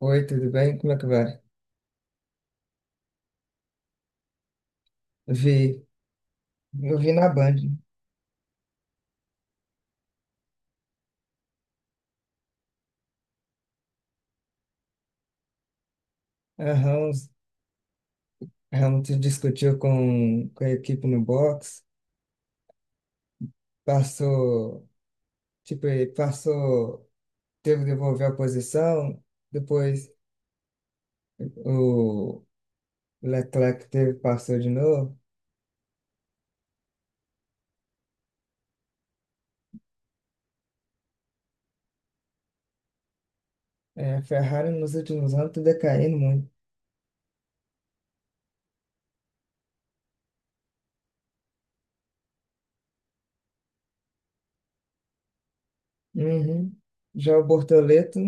Oi, tudo bem? Como é que vai? Vi, eu vi na Band. A Ramos, a Ramos discutiu com a equipe no box, passou, tipo, ele passou, teve que devolver a posição, depois o Leclerc passou de novo. É, a Ferrari nos últimos anos está decaindo muito. Uhum. Já o Bortoleto,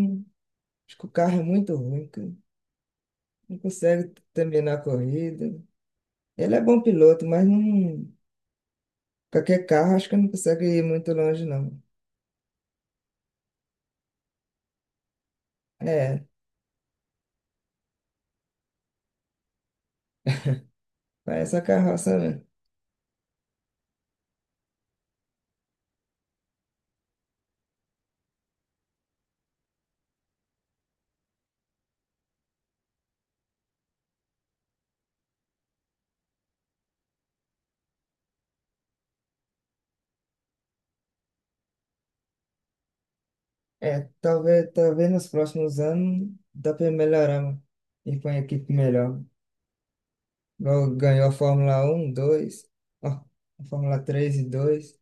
acho que o carro é muito ruim, cara. Não consegue terminar a corrida. Ele é bom piloto, mas não. Qualquer carro, acho que não consegue ir muito longe, não. É, parece a carroça mesmo. É, talvez nos próximos anos dá para melhorar, mano. E com a equipe melhor. Igual ganhou a Fórmula Um, 2, ó, a Fórmula Três e 2.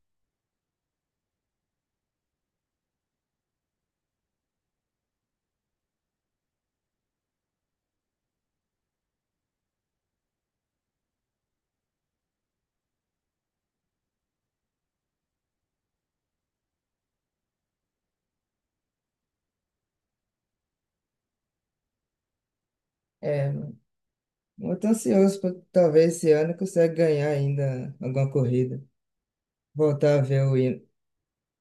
É, mano, eu ansioso pra talvez esse ano consegue ganhar ainda alguma corrida. Voltar a ver o hino,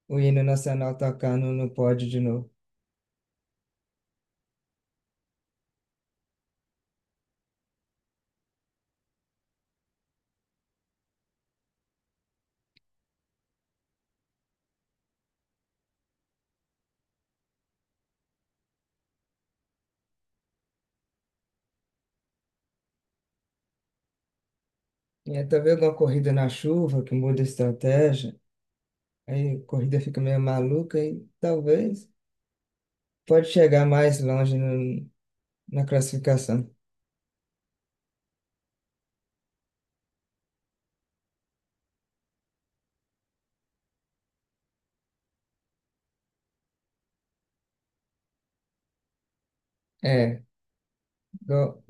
o hino nacional tocar no pódio de novo. E aí, talvez alguma corrida na chuva que muda a estratégia. Aí a corrida fica meio maluca e talvez pode chegar mais longe na classificação. É, igual,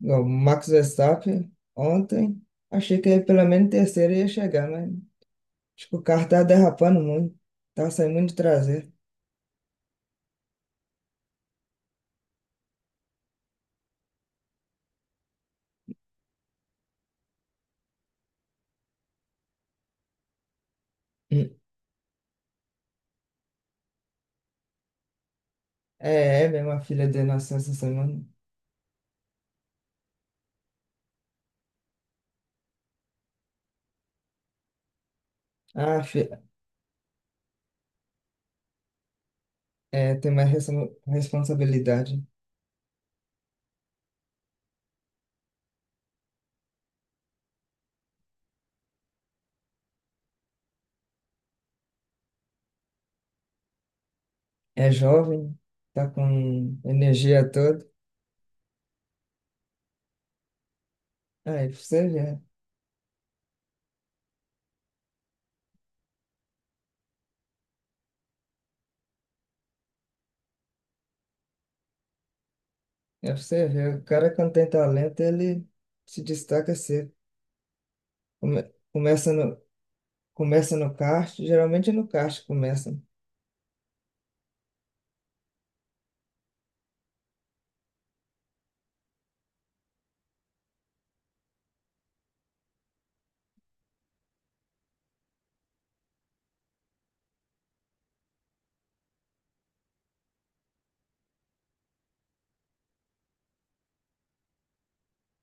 igual o Max Verstappen ontem, achei que ele pelo menos terceiro ia chegar, mas acho que o carro tá derrapando muito, tá saindo muito de traseiro. Hum. É, mesmo a filha dele nasceu essa semana. Ah, é, tem mais responsabilidade. É jovem, tá com energia toda. Aí, pra você ver. É pra você ver, o cara quando tem talento, ele se destaca cedo. Come- começa no, começa no kart, geralmente é no kart que começa.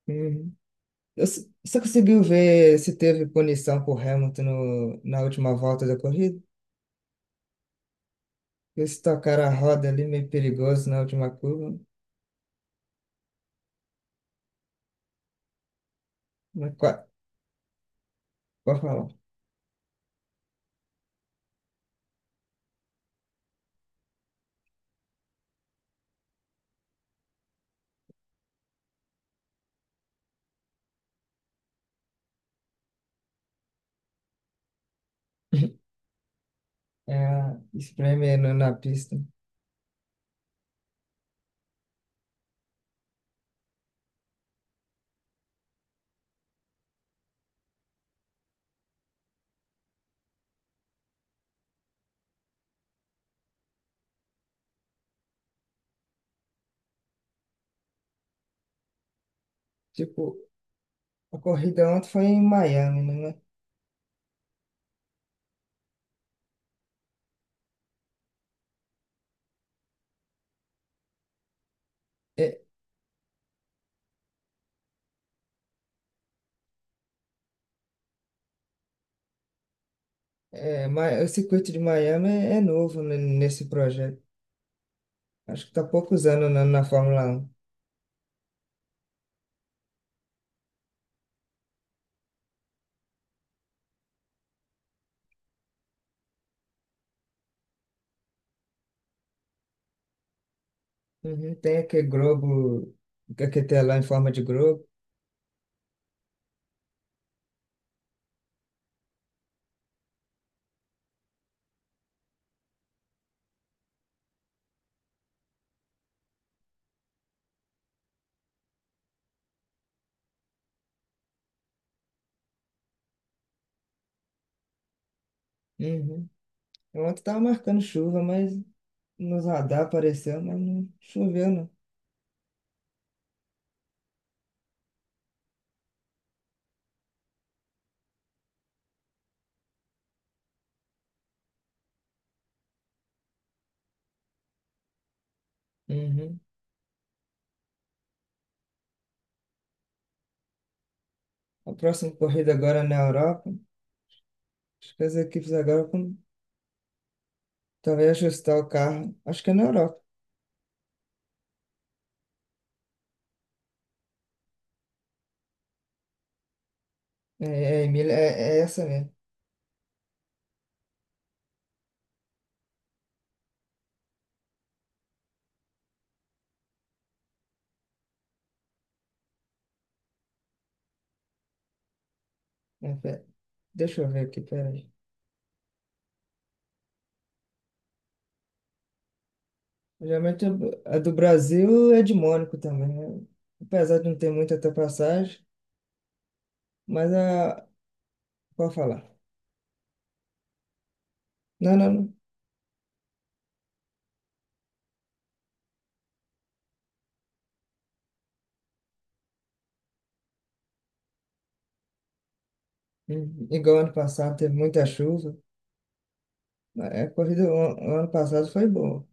Uhum. Você conseguiu ver se teve punição por Hamilton no, na última volta da corrida? Eles tocaram a roda ali, meio perigoso na última curva. Mas qua- pode falar. É, espreme no na pista. Tipo, a corrida ontem foi em Miami, né? É, o circuito de Miami é novo nesse projeto. Acho que está poucos anos na Fórmula um. Uhum. Tem aquele globo, aquele telão em forma de globo. Uhum. Ontem estava marcando chuva, mas nos radar apareceu, mas não choveu, não. Uhum. A próxima corrida agora é na Europa. Acho que as equipes agora vão talvez ajustar o carro. Acho que é na Europa. É essa mesmo. É, deixa eu ver aqui, peraí. Geralmente a do Brasil é de Mônaco também, né? Apesar de não ter muita ultrapassagem, mas a, pode falar. Não, não, não. Hum. Igual ano passado teve muita chuva. A corrida o ano passado foi boa.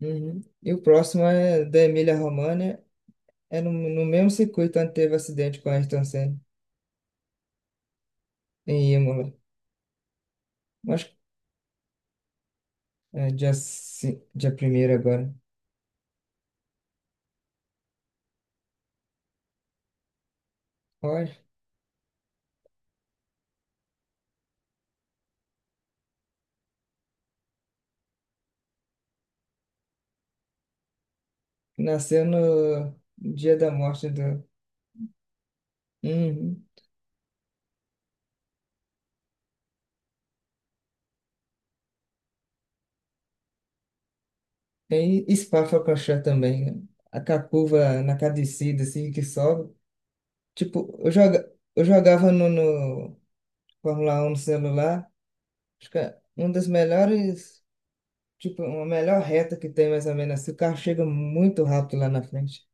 Uhum. E o próximo é da Emília-Romagna. É no mesmo circuito onde teve acidente com a Ayrton Senna, em Imola. Acho que é dia primeiro agora. Olha, nasceu no dia da morte do. Uhum. E Spa-Francorchamps também, né? A com a curva na cada descida, assim, que sobe. Tipo, eu jogava no Fórmula um no celular. Acho que é uma das melhores, tipo, uma melhor reta que tem, mais ou menos assim. O carro chega muito rápido lá na frente.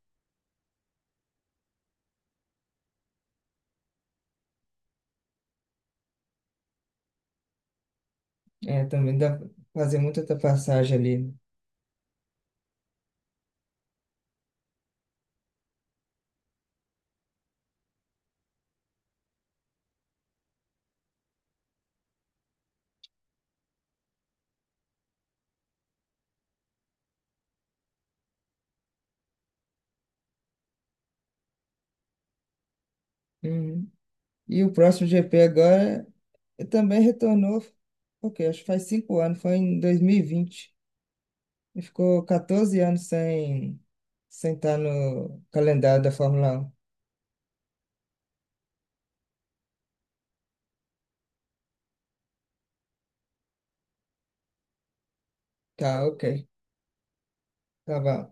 É, também dá pra fazer muita ultrapassagem ali, né? Uhum. E o próximo GP agora também retornou, ok, acho que faz 5 anos, foi em 2020 e ficou 14 anos sem estar no calendário da Fórmula um. Tá, ok. Tá bom.